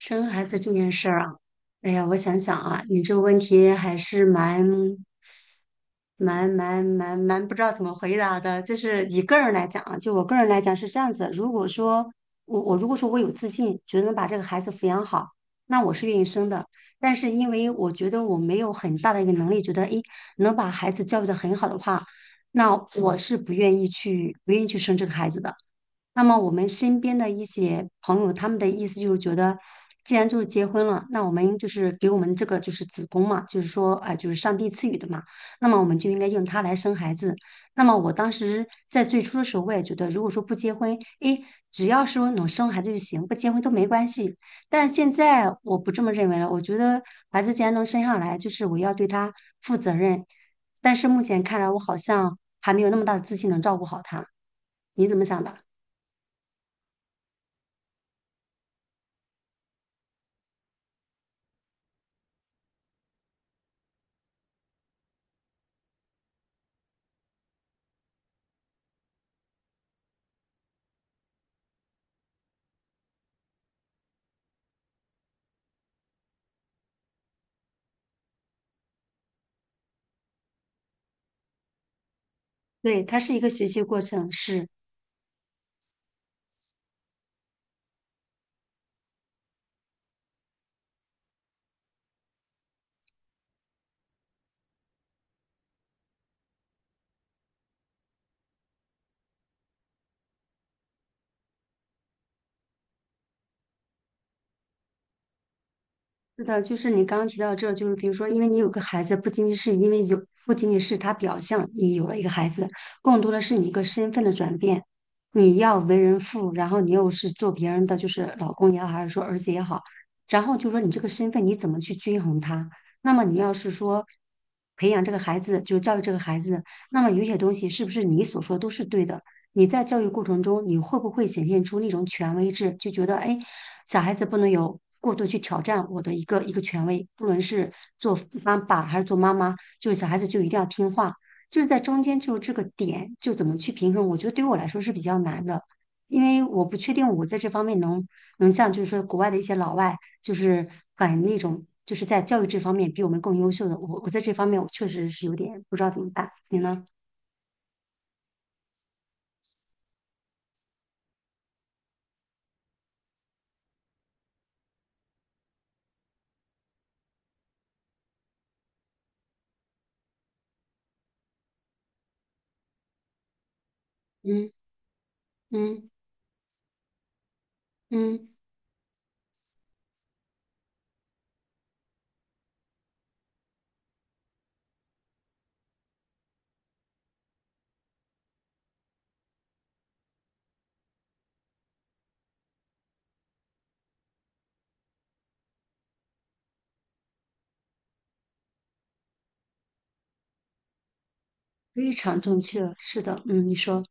生孩子这件事儿啊，哎呀，我想想啊，你这个问题还是蛮不知道怎么回答的。就是以个人来讲啊，就我个人来讲是这样子。如果说我如果说我有自信，觉得能把这个孩子抚养好，那我是愿意生的。但是因为我觉得我没有很大的一个能力，觉得诶能把孩子教育的很好的话，那我是不愿意去生这个孩子的。那么我们身边的一些朋友，他们的意思就是觉得，既然就是结婚了，那我们就是给我们这个就是子宫嘛，就是说啊、就是上帝赐予的嘛，那么我们就应该用它来生孩子。那么我当时在最初的时候，我也觉得，如果说不结婚，诶，只要是能生孩子就行，不结婚都没关系。但是现在我不这么认为了，我觉得孩子既然能生下来，就是我要对他负责任。但是目前看来，我好像还没有那么大的自信能照顾好他。你怎么想的？对，它是一个学习过程，是是的，就是你刚刚提到这，就是比如说，因为你有个孩子，不仅仅是因为有，不仅仅是他表象，你有了一个孩子，更多的是你一个身份的转变，你要为人父，然后你又是做别人的，就是老公也好，还是说儿子也好，然后就说你这个身份你怎么去均衡它？那么你要是说培养这个孩子，就教育这个孩子，那么有些东西是不是你所说都是对的？你在教育过程中，你会不会显现出那种权威制，就觉得哎？小孩子不能有过度去挑战我的一个权威，不论是做妈爸还是做妈妈，就是小孩子就一定要听话，就是在中间就是这个点就怎么去平衡，我觉得对于我来说是比较难的，因为我不确定我在这方面能像就是说国外的一些老外，就是反那种就是在教育这方面比我们更优秀的，我在这方面我确实是有点不知道怎么办，你呢？嗯嗯嗯，非常正确，是的，嗯，你说。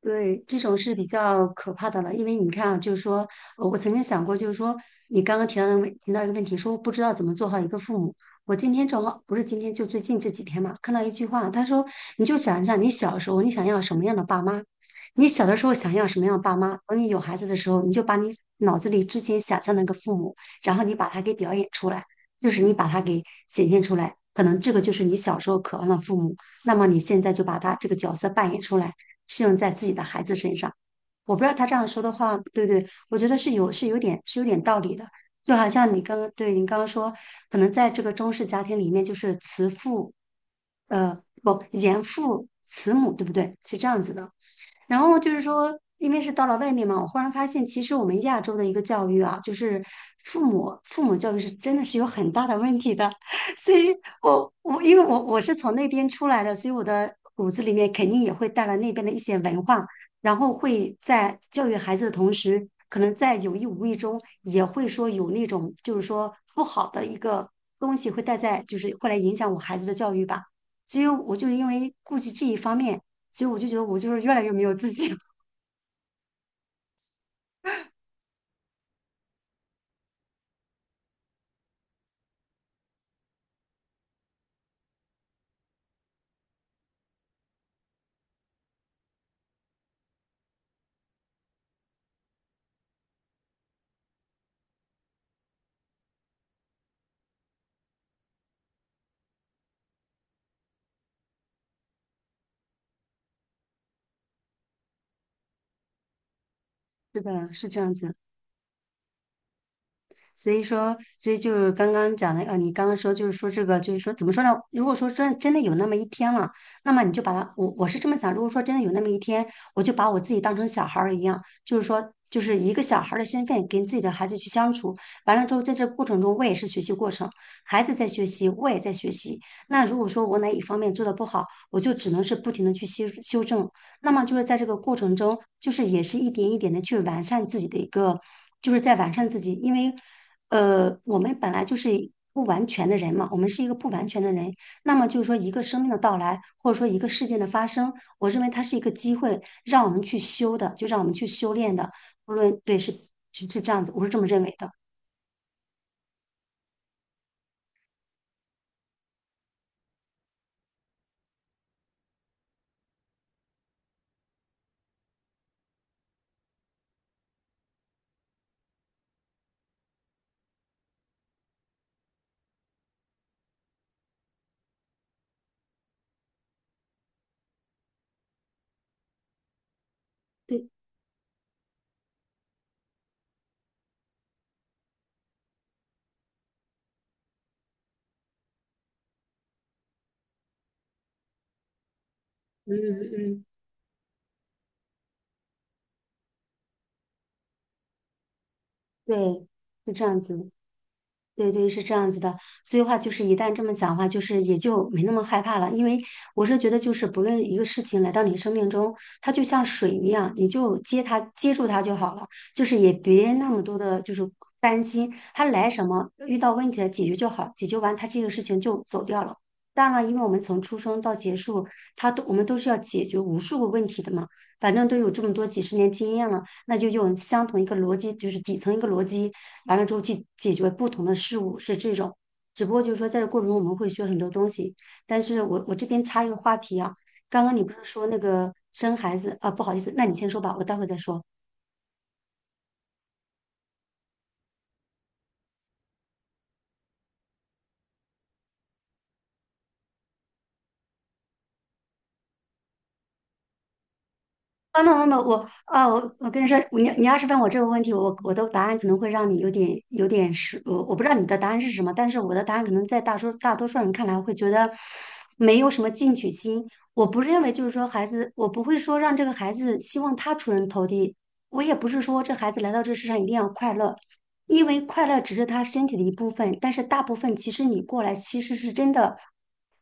对，这种是比较可怕的了，因为你看啊，就是说，我曾经想过，就是说，你刚刚提到一个问题，说不知道怎么做好一个父母。我今天正好不是今天，就最近这几天嘛，看到一句话，他说，你就想一下，你小时候你想要什么样的爸妈，你小的时候想要什么样的爸妈，等你有孩子的时候，你就把你脑子里之前想象的那个父母，然后你把它给表演出来，就是你把它给显现出来，可能这个就是你小时候渴望的父母，那么你现在就把他这个角色扮演出来。适用在自己的孩子身上。我不知道他这样说的话对不对，我觉得是有是有点是有点道理的。就好像你刚刚说，可能在这个中式家庭里面，就是慈父，呃，不严父慈母，对不对？是这样子的。然后就是说，因为是到了外面嘛，我忽然发现，其实我们亚洲的一个教育啊，就是父母教育是真的是有很大的问题的。所以因为我是从那边出来的，所以我的骨子里面肯定也会带来那边的一些文化，然后会在教育孩子的同时，可能在有意无意中也会说有那种就是说不好的一个东西会带在，就是会来影响我孩子的教育吧。所以我就因为顾及这一方面。所以我就觉得我就是越来越没有自信。是的，是这样子。所以说，所以就是刚刚讲的，你刚刚说就是说这个，就是说怎么说呢？如果说真真的有那么一天了，那么你就把它，我是这么想，如果说真的有那么一天，我就把我自己当成小孩儿一样，就是说，就是一个小孩儿的身份跟自己的孩子去相处。完了之后，在这过程中，我也是学习过程，孩子在学习，我也在学习。那如果说我哪一方面做的不好，我就只能是不停的去修正，那么就是在这个过程中，就是也是一点一点的去完善自己的一个，就是在完善自己，因为，我们本来就是不完全的人嘛，我们是一个不完全的人。那么就是说，一个生命的到来，或者说一个事件的发生，我认为它是一个机会，让我们去修的，就让我们去修炼的。无论对是这样子，我是这么认为的。对，嗯嗯，嗯，对，是这样子。对对，是这样子的，所以话就是一旦这么讲的话，就是也就没那么害怕了，因为我是觉得就是不论一个事情来到你生命中，它就像水一样，你就接住它就好了，就是也别那么多的就是担心它来什么，遇到问题了解决就好，解决完它这个事情就走掉了。当然了，因为我们从出生到结束，它都我们都是要解决无数个问题的嘛，反正都有这么多几十年经验了，那就用相同一个逻辑，就是底层一个逻辑。完了之后去解决不同的事物，是这种。只不过就是说，在这过程中我们会学很多东西。但是我这边插一个话题啊，刚刚你不是说那个生孩子啊？不好意思，那你先说吧，我待会再说。等等等等，我啊，我跟你说，你要是问我这个问题，我的答案可能会让你有点,我不知道你的答案是什么，但是我的答案可能在大多数人看来会觉得没有什么进取心。我不认为就是说孩子，我不会说让这个孩子希望他出人头地，我也不是说这孩子来到这世上一定要快乐，因为快乐只是他身体的一部分，但是大部分其实你过来其实是真的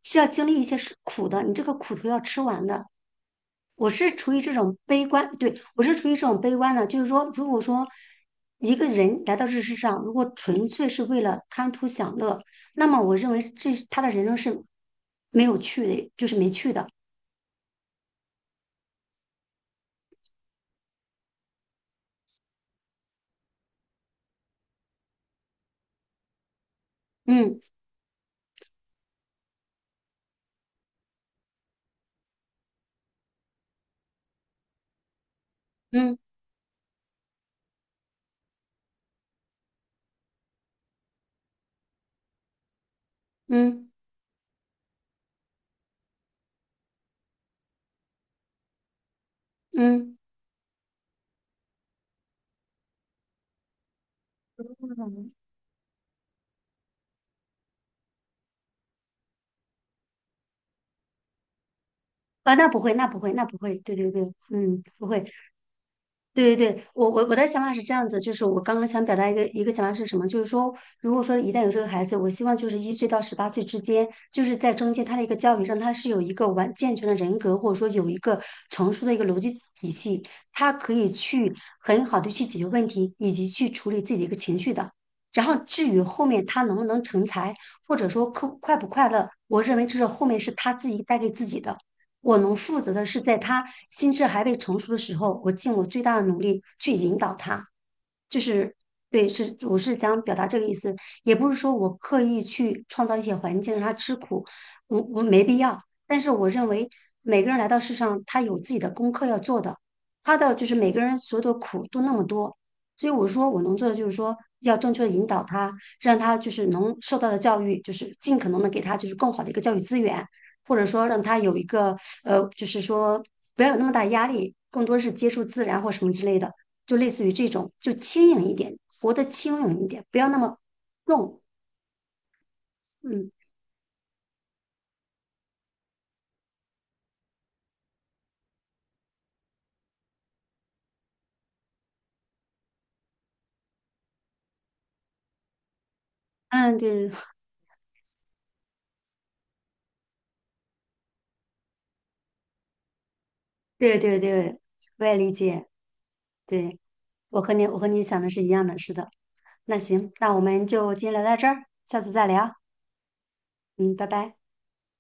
是要经历一些是苦的，你这个苦头要吃完的。我是处于这种悲观，对，我是处于这种悲观的，就是说，如果说一个人来到这世上，如果纯粹是为了贪图享乐，那么我认为这他的人生是没有趣的，就是没趣的。嗯嗯嗯嗯，嗯啊，那不会，那不会，那不会，对对对，嗯，不会。对对对，我的想法是这样子，就是我刚刚想表达一个想法是什么，就是说，如果说一旦有这个孩子，我希望就是1岁到18岁之间，就是在中间他的一个教育，让他是有一个完健全的人格，或者说有一个成熟的一个逻辑体系，他可以去很好的去解决问题，以及去处理自己的一个情绪的。然后至于后面他能不能成才，或者说快不快乐，我认为这是后面是他自己带给自己的。我能负责的是，在他心智还未成熟的时候，我尽我最大的努力去引导他，就是对，是我是想表达这个意思，也不是说我刻意去创造一些环境让他吃苦，我没必要。但是我认为每个人来到世上，他有自己的功课要做的，他的就是每个人所有的苦都那么多，所以我说我能做的就是说要正确的引导他，让他就是能受到的教育，就是尽可能的给他就是更好的一个教育资源，或者说让他有一个就是说不要有那么大压力，更多是接触自然或什么之类的。就类似于这种，就轻盈一点，活得轻盈一点，不要那么重。嗯嗯，对 对对对，我也理解。对，我和你想的是一样的，是的。那行，那我们就今天聊到这儿，下次再聊。嗯，拜拜。